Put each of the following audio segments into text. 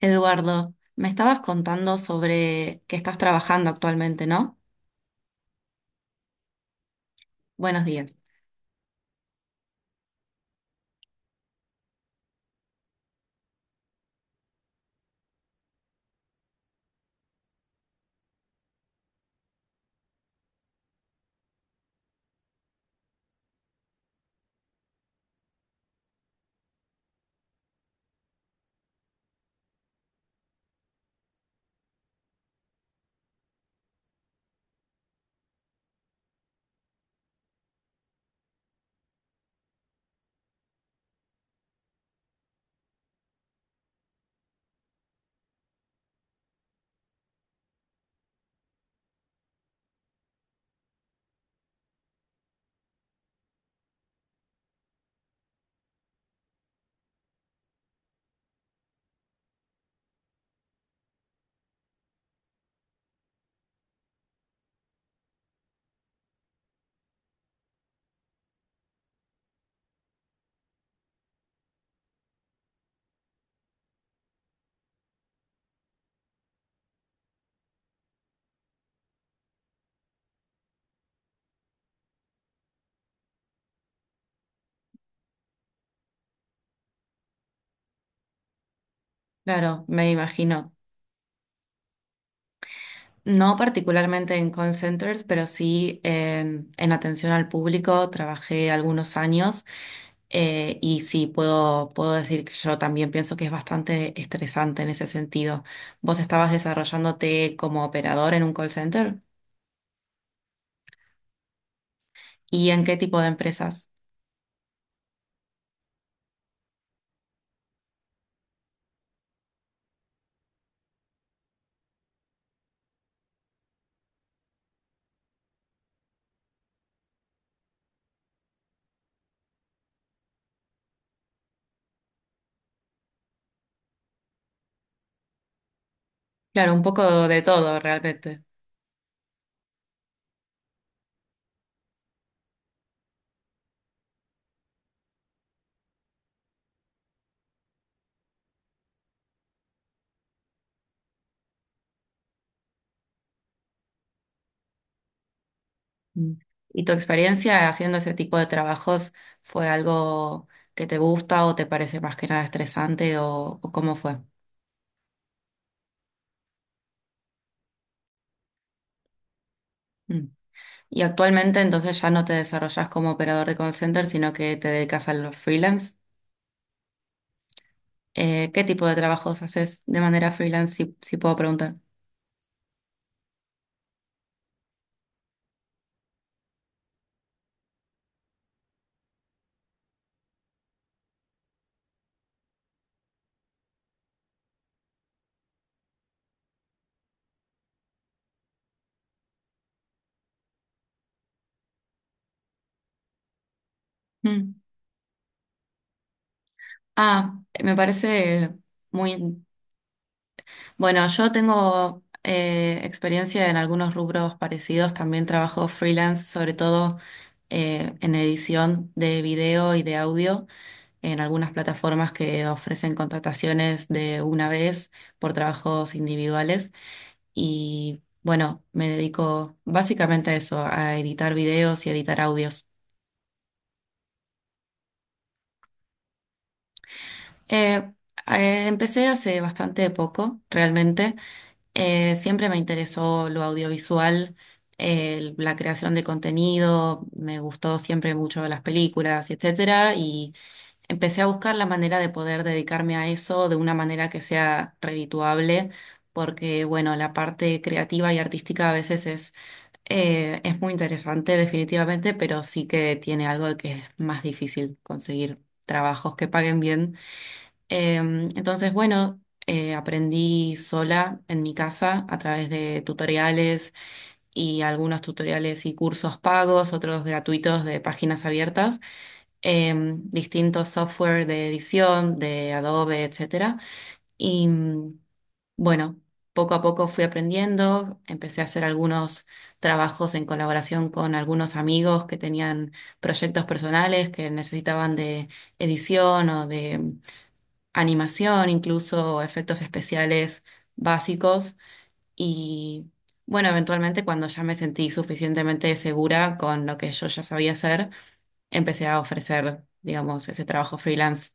Eduardo, me estabas contando sobre que estás trabajando actualmente, ¿no? Buenos días. Claro, me imagino. No particularmente en call centers, pero sí en atención al público. Trabajé algunos años y sí puedo, puedo decir que yo también pienso que es bastante estresante en ese sentido. ¿Vos estabas desarrollándote como operador en un call center? ¿Y en qué tipo de empresas? Claro, un poco de todo realmente. Mm. ¿Y tu experiencia haciendo ese tipo de trabajos fue algo que te gusta o te parece más que nada estresante o cómo fue? Mm. Y actualmente entonces ya no te desarrollas como operador de call center, sino que te dedicas a los freelance. ¿Qué tipo de trabajos haces de manera freelance, si puedo preguntar? Mm. Ah, me parece muy. Bueno, yo tengo experiencia en algunos rubros parecidos. También trabajo freelance, sobre todo en edición de video y de audio, en algunas plataformas que ofrecen contrataciones de una vez por trabajos individuales. Y bueno, me dedico básicamente a eso, a editar videos y editar audios. Eh, Empecé hace bastante poco, realmente. Siempre me interesó lo audiovisual, la creación de contenido, me gustó siempre mucho las películas, etcétera, y empecé a buscar la manera de poder dedicarme a eso de una manera que sea redituable, porque bueno, la parte creativa y artística a veces es muy interesante definitivamente, pero sí que tiene algo de que es más difícil conseguir trabajos que paguen bien. Entonces, bueno, aprendí sola en mi casa a través de tutoriales y algunos tutoriales y cursos pagos, otros gratuitos de páginas abiertas, distintos software de edición, de Adobe, etcétera. Y bueno, poco a poco fui aprendiendo, empecé a hacer algunos trabajos en colaboración con algunos amigos que tenían proyectos personales que necesitaban de edición o de animación, incluso efectos especiales básicos. Y bueno, eventualmente cuando ya me sentí suficientemente segura con lo que yo ya sabía hacer, empecé a ofrecer, digamos, ese trabajo freelance.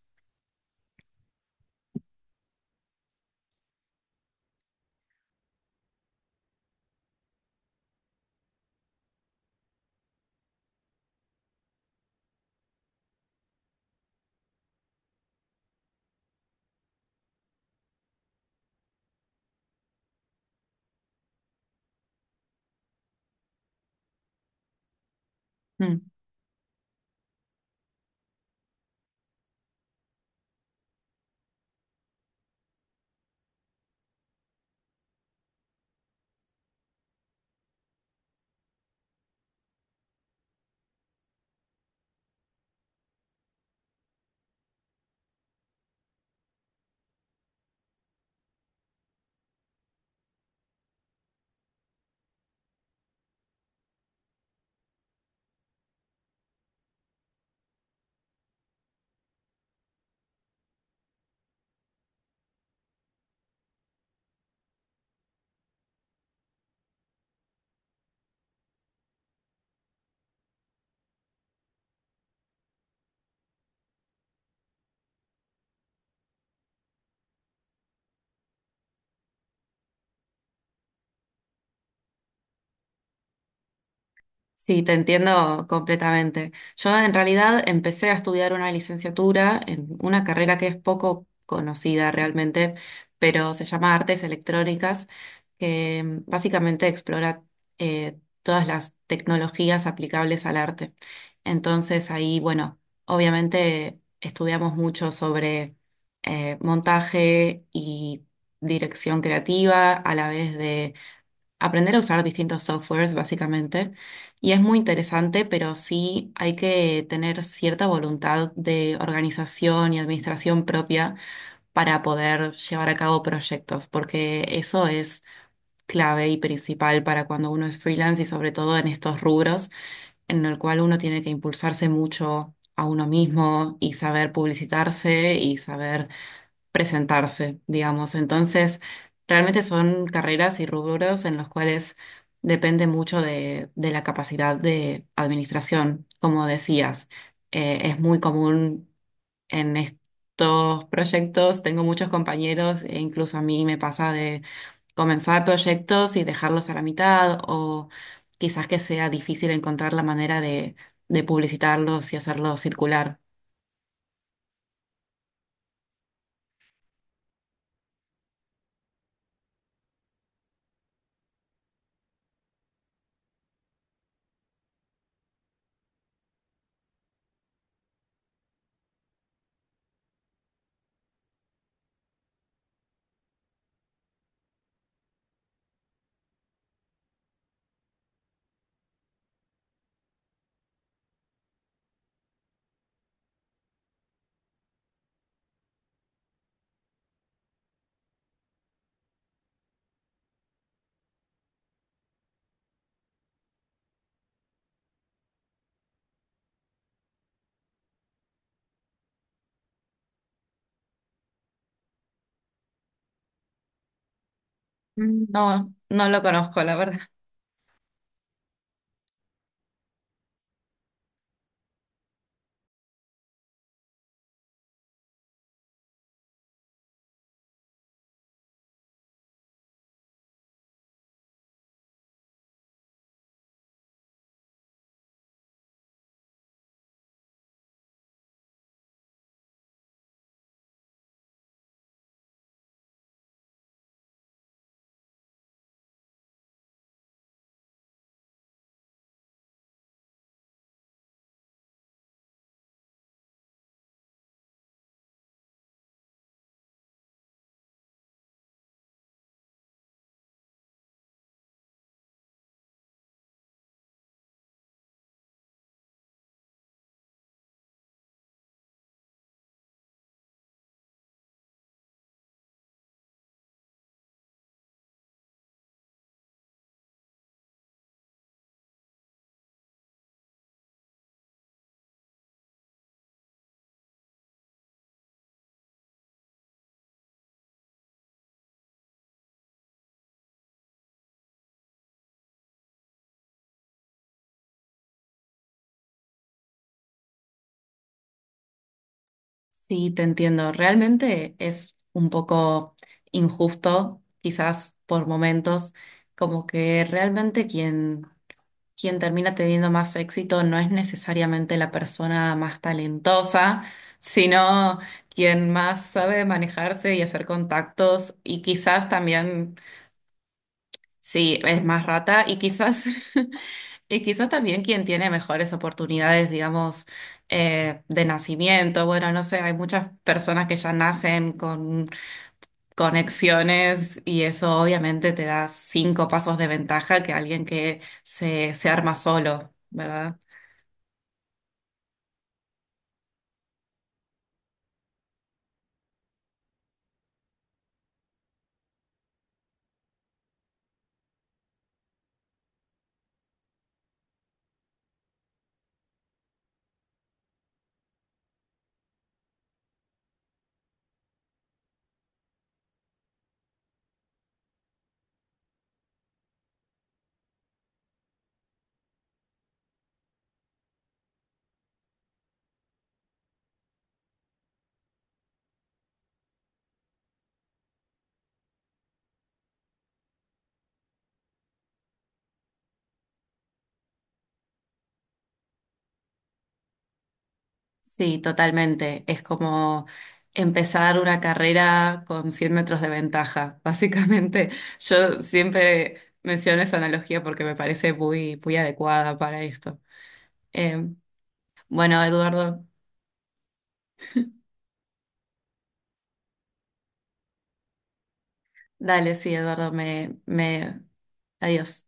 Sí, te entiendo completamente. Yo en realidad empecé a estudiar una licenciatura en una carrera que es poco conocida realmente, pero se llama Artes Electrónicas, que básicamente explora todas las tecnologías aplicables al arte. Entonces ahí, bueno, obviamente estudiamos mucho sobre montaje y dirección creativa, a la vez de aprender a usar distintos softwares, básicamente. Y es muy interesante, pero sí hay que tener cierta voluntad de organización y administración propia para poder llevar a cabo proyectos, porque eso es clave y principal para cuando uno es freelance y sobre todo en estos rubros en el cual uno tiene que impulsarse mucho a uno mismo y saber publicitarse y saber presentarse, digamos. Entonces, realmente son carreras y rubros en los cuales depende mucho de la capacidad de administración. Como decías, es muy común en estos proyectos, tengo muchos compañeros e incluso a mí me pasa de comenzar proyectos y dejarlos a la mitad o quizás que sea difícil encontrar la manera de publicitarlos y hacerlos circular. Mm, no, no lo conozco, la verdad. Sí, te entiendo. Realmente es un poco injusto, quizás por momentos, como que realmente quien termina teniendo más éxito no es necesariamente la persona más talentosa, sino quien más sabe manejarse y hacer contactos y quizás también. Sí, es más rata y quizás, y quizás también quien tiene mejores oportunidades, digamos, de nacimiento. Bueno, no sé, hay muchas personas que ya nacen con conexiones y eso obviamente te da 5 pasos de ventaja que alguien que se arma solo, ¿verdad? Sí, totalmente. Es como empezar una carrera con 100 metros de ventaja. Básicamente, yo siempre menciono esa analogía porque me parece muy, muy adecuada para esto. Eh, bueno, Eduardo, dale, sí, Eduardo, adiós.